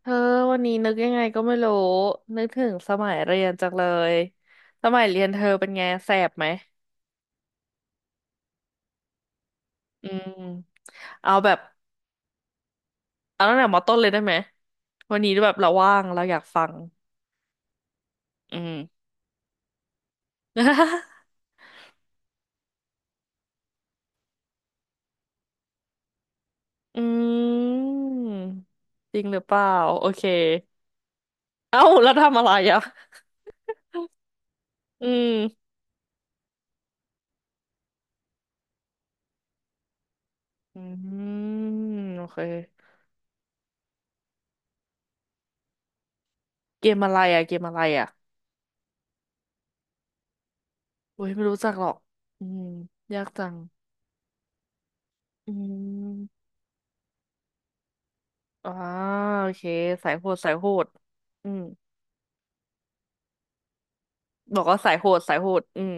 เธอวันนี้นึกยังไงก็ไม่รู้นึกถึงสมัยเรียนจังเลยสมัยเรียนเธอเป็นไงแสบไหมอืมเอาแบบเอาตั้งแต่มอต้นเลยได้ไหมวันนี้แบบเราว่างเราอยากฟังอืม อืมจริงหรือเปล่าโอเคเอ้าแล้วทำอะไรอ่ะอืมอืมโอเคเกมอะไรอ่ะเกมอะไรอ่ะโอ้ยไม่รู้จักหรอกอืมยากจังอืม อ่าโอเคสายโหดสายโหดอืมบอกว่าสายโหดสายโหดอืม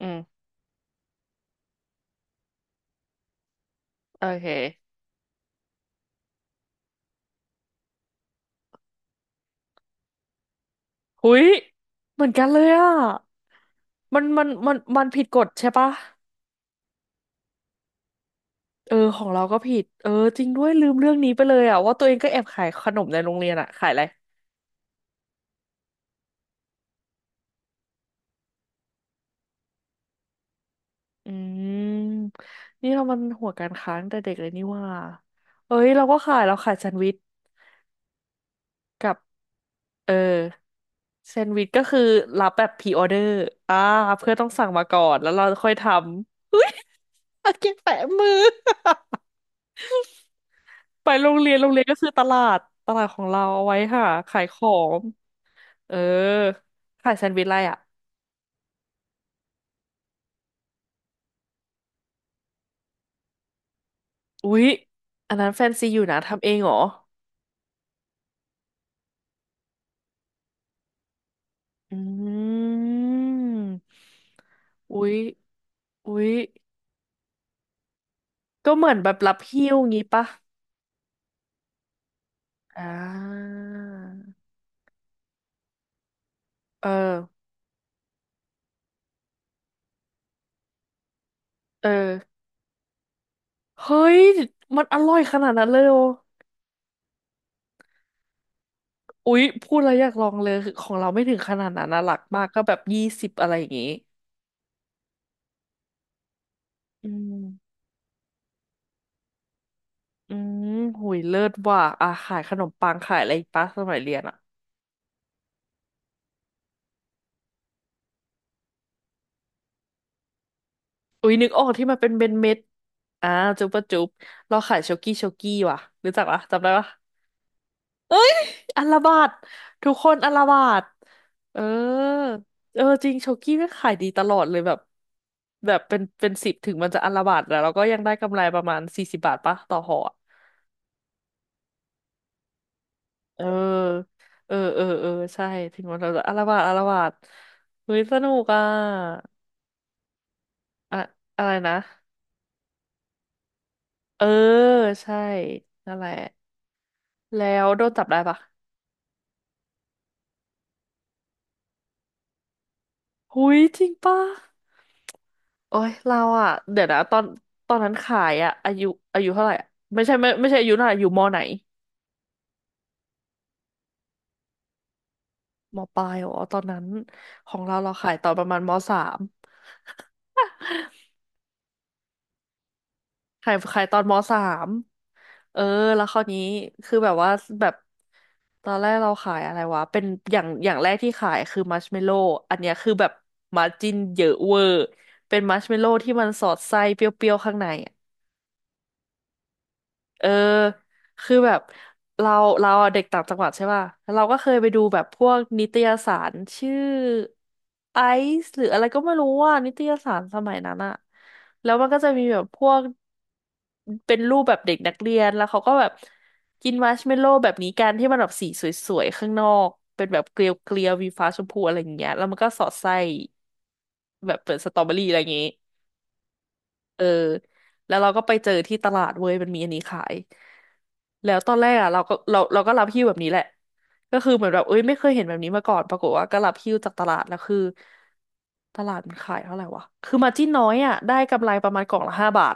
อืมโอเคหุยเหมือนกันเลยอ่ะมันผิดกฎใช่ปะเออของเราก็ผิดเออจริงด้วยลืมเรื่องนี้ไปเลยอ่ะว่าตัวเองก็แอบขายขนมในโรงเรียนอ่ะขายอะไรอืมนี่เรามันหัวการค้าตั้งแต่เด็กเลยนี่ว่าเอ้ยเราขายแซนด์วิชกับ เออแซนด์วิชก็คือรับแบบพ r ีออเดอร์อ่าเพื่อนต้องสั่งมาก่อนแล้วเราค่อยทำอุ้ยอาเก็บแปะมือ ไปโรงเรียนโรงเรียนก็คือตลาดตลาดของเราเอาไว้ค่ะขายของเออขายแซนด์วิชอะไรอ่ะอุ๊ยอันนั้นแฟนซีอยู่นะทำเองเหรออืมอุ๊ยอุ๊ยก็เหมือนแบบรับหิ้วงี้ปะอ่าเออเออ เฮ้ยมันอร่อยขนาดนั้นเลยโออุ๊ยพูดแล้วอยากลองเลยคือของเราไม่ถึงขนาดนั้นนะหลักมากก็แบบยี่สิบอะไรอย่างงี้อืมอืมหุยเลิศว่ะอ่ะขายขนมปังขายอะไรอีกปะสมัยเรียนอ่ะ อุ๊ยนึกออกที่มันเป็นเม็ดอ่าจุ๊บปะจุ๊บเราขายโชกี้โชกี้ว่ะรู้จักปะจำได้ปะ อัลลาบาดทุกคนอัลลาบาดเออเออจริงโชกี้ไม่งขายดีตลอดเลยแบบแบบเป็นสิบถึงมันจะอัลลาบาดแต่เราก็ยังได้กำไรประมาณ40 บาทปะต่อห่ออะเออเออเออเออใช่ถึงมันเราจะอัลลาบาดอัลลาบาดเฮ้ยสนุกอ่ะอะอะไรนะเออใช่นั่นแหละแล้วโดนจับได้ปะ หุยจริงป่ะโอ้ยเราอ่ะเดี๋ยวนะตอนตอนนั้นขายอ่ะอายุเท่าไหร่อะไม่ใช่อายุเท่าไหร่อยู่มไหนมปลายอ๋อตอนนั้นของเราเราขายตอนประมาณมสามขายตอนมสามเออแล้วคราวนี้คือแบบว่าแบบตอนแรกเราขายอะไรวะเป็นอย่างแรกที่ขายคือมัชเมลโล่อันเนี้ยคือแบบมาร์จิ้นเยอะเวอร์เป็นมัชเมลโล่ที่มันสอดไส้เปรี้ยวๆข้างใน เออคือแบบเราเราอะเด็กต่างจังหวัดใช่ป่ะแล้วเราก็เคยไปดูแบบพวกนิตยสารชื่อไอซ์หรืออะไรก็ไม่รู้ว่านิตยสารสมัยนั้นอะแล้วมันก็จะมีแบบพวกเป็นรูปแบบเด็กนักเรียนแล้วเขาก็แบบกินมัชเมลโล่แบบนี้กันที่มันแบบสีสวยๆข้างนอกเป็นแบบเกลียวๆมีฟ้าชมพูอะไรอย่างเงี้ยแล้วมันก็สอดไส้แบบเป็นสตรอเบอรี่อะไรอย่างงี้ เออแล้วเราก็ไปเจอที่ตลาดเว้ยมันมีอันนี้ขายแล้วตอนแรกอ่ะเราก็รับหิ้วแบบนี้แหละก็คือเหมือนแบบเอ้ยไม่เคยเห็นแบบนี้มาก่อนปรากฏว่าก็รับหิ้วจากตลาดแล้วคือตลาดมันขายเท่าไหร่วะคือมาจิ้นน้อยอ่ะได้กำไรประมาณกล่องละ5 บาท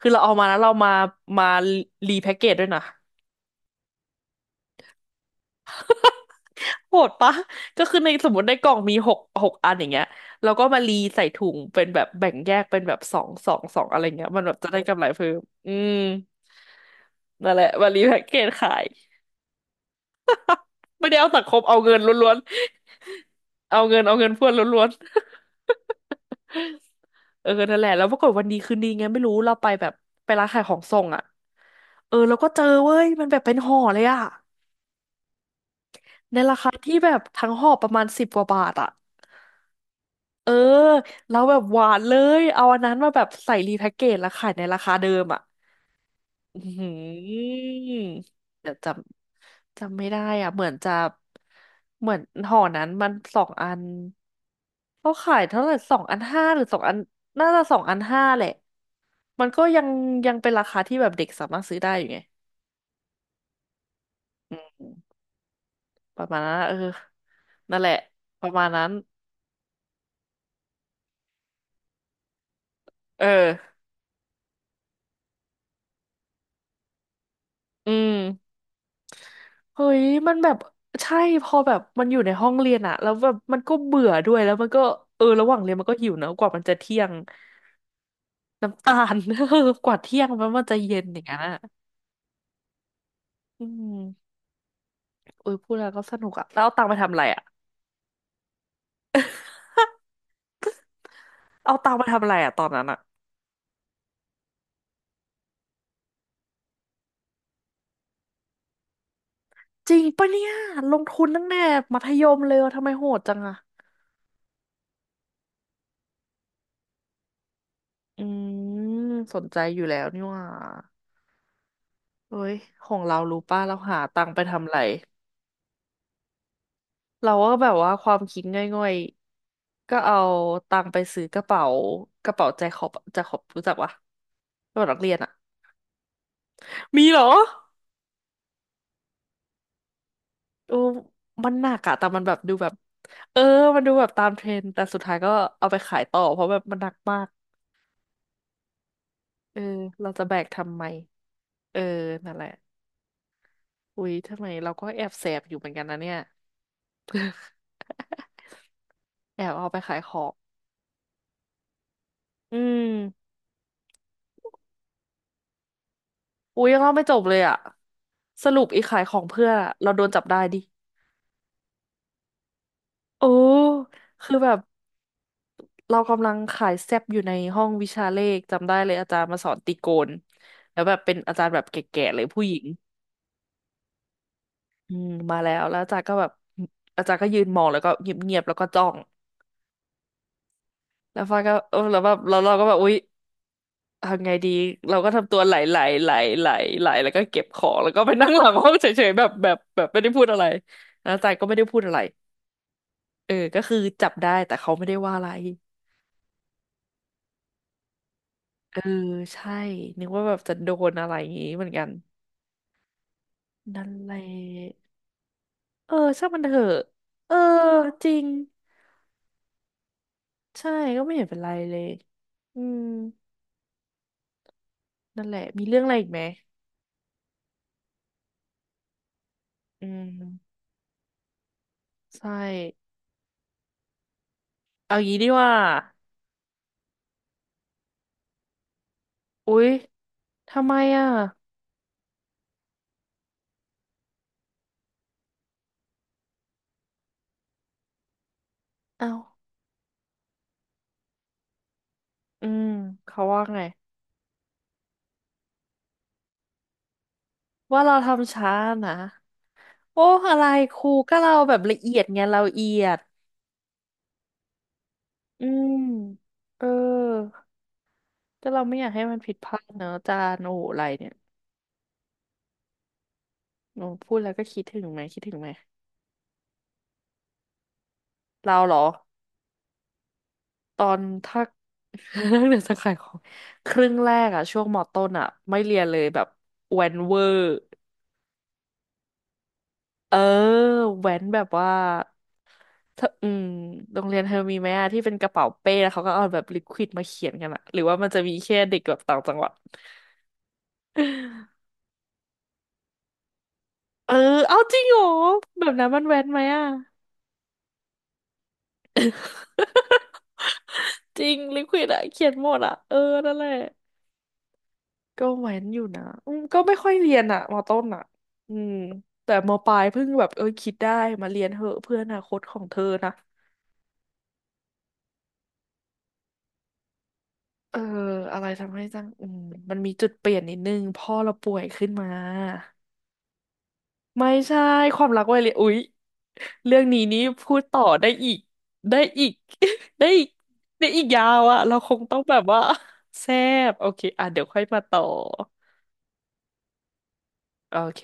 คือเราเอามาแล้วเรามารีแพ็กเกจด้วยนะโหดปะก็คือในสมมติในกล่องมีหกอันอย่างเงี้ยแล้วก็มารีใส่ถุงเป็นแบบแบ่งแยกเป็นแบบสองสองสองอะไรเงี้ยมันแบบจะได้กำไรเพิ่มอืม นั่นแหละวันรีแพ็กเกจขายไม่ได้เอาสังคมเอาเงินล้วนๆเอาเงินเอาเงินเพื่อนล้วนๆ เออนั่นแหละแล้วปรากฏวันดีคืนดีไงไม่รู้เราไปแบบไปร้านขายของส่งอ่ะเออแล้วก็เจอเว้ยมันแบบเป็นห่อเลยอ่ะในราคาที่แบบทั้งห่อประมาณ10 กว่าบาทอ่ะเออแล้วแบบหวานเลยเอาอันนั้นมาแบบใส่รีแพ็กเกจแล้วขายในราคาเดิมอ่ะ อืมเดี๋ยวจำไม่ได้อ่ะเหมือนจะเหมือนห่อนั้นมันสองอันเขาขายเท่าไหร่สองอันห้าหรือสองอันน่าจะสองอันห้าแหละมันก็ยังเป็นราคาที่แบบเด็กสามารถซื้อได้อยู่ไงอืมประมาณนั้นอะเออนั่นแหละประมาณนั้นเอออืมเฮ้ยมันแบบใช่พอแบบมันอยู่ในห้องเรียนอะแล้วแบบมันก็เบื่อด้วยแล้วมันก็เออระหว่างเรียนมันก็หิวนะกว่ามันจะเที่ยง น้ำตาล กว่าเที่ยงมันจะเย็นอย่างนั้นอ่ะอืมอุ้ยพูดแล้วก็สนุกอ่ะแล้วเอาตังค์ไปทำอะไรอ่ะ เอาตังค์ไปทำอะไรอ่ะตอนนั้นอ่ะจริงปะเนี่ยลงทุนตั้งแต่มัธยมเลยอะทำไมโหดจังอ่ะอืมสนใจอยู่แล้วนี่หว่าเฮ้ยของเรารู้ป่ะเราหาตังค์ไปทำอะไรเราก็แบบว่าความคิดง่อยๆก็เอาตังค์ไปซื้อกระเป๋ากระเป๋าแจ็คขอบแจ็คขอบรู้จักปะกระเป๋านักเรียนอ่ะมีเหรอ โอ้มันหนักอะแต่มันแบบดูแบบเออมันดูแบบตามเทรนด์แต่สุดท้ายก็เอาไปขายต่อเพราะแบบมันหนักมากเออเราจะแบกทำไมเออนั่นแหละอุ๊ยทำไมเราก็แอบแสบอยู่เหมือนกันนะเนี่ย แอบเอาไปขายของอืมอุ๊ยยังเล่าไม่จบเลยอะสรุปอีกขายของเพื่อนอะเราโดนจับได้ดิโอ้คือแบบเรากำลังขายแซบอยู่ในห้องวิชาเลขจำได้เลยอาจารย์มาสอนตรีโกณแล้วแบบเป็นอาจารย์แบบแก่ๆเลยผู้หญิง อืมมาแล้วแล้วอาจารย์ก็แบบอาจารย์ก็ยืนมองแล้วก็เงียบแล้วก็จ้องแล้วฟ้าก็เออแล้วแบบเราก็แบบอุ๊ยทำไงดีเราก็ทำตัวไหลไหลไหลไหลไหลแล้วก็เก็บของแล้วก็ไปนั่งหลังห้องเฉยๆแบบไม่ได้พูดอะไรแล้วอาจารย์ก็ไม่ได้พูดอะไรเออก็คือจับได้แต่เขาไม่ได้ว่าอะไรเออใช่นึกว่าแบบจะโดนอะไรอย่างงี้เหมือนกันนั่นแหละเออช่างมันเถอะเออจริงใช่ก็ไม่เห็นเป็นไรเลยอืมนั่นแหละมีเรื่องอะไรอีกไหม อืมใช่เอางี้ดีว่าอุ๊ยทำไมอ่ะเอ้าอืมเขาว่าไงว่าเราทำช้านะโอ้อะไรครูก็เราแบบละเอียดไงเราเอียดอืมเออก็เราไม่อยากให้มันผิดพลาดเนอะอาจานโอ้โหอะไรเนี่ยโอ้พูดแล้วก็คิดถึงไหมคิดถึงไหมเราเหรอตอนถ้า เรื่อง เดือดสังขารของครึ่งแรกอะช่วงมอต้นอะไม่เรียนเลยแบบแวนเวอร์ เออแว้นแบบว่าเธออืมโรงเรียนเธอมีไหมอะที่เป็นกระเป๋าเป้แล้วเขาก็เอาแบบลิควิดมาเขียนกันอะหรือว่ามันจะมีแค่เด็กแบบต่างจังหวัด เออเอาจริงเหรอแบบนั้นมันแว้นไหมอะ จริงลิควิดอะเขียนหมดอะเออนั่นแหละก็แว้นอยู่นะอืมก็ไม่ค่อยเรียนอะมต้นอะอืมแต่มปลายเพิ่งแบบเออคิดได้มาเรียนเหอะเพื่ออนาคตของเธอนะ เอออะไรทำให้จังอืมมันมีจุดเปลี่ยนนิดนึงพ่อเราป่วยขึ้นมาไม่ใช่ความรักวัยเรียนอุ๊ยเรื่องนี้นี่พูดต่อได้อีกได้อีก ได้อีกได้อีกยาวอะเราคงต้องแบบว่าแซบโอเคอ่ะเดี๋ยวค่อยมาต่อโอเค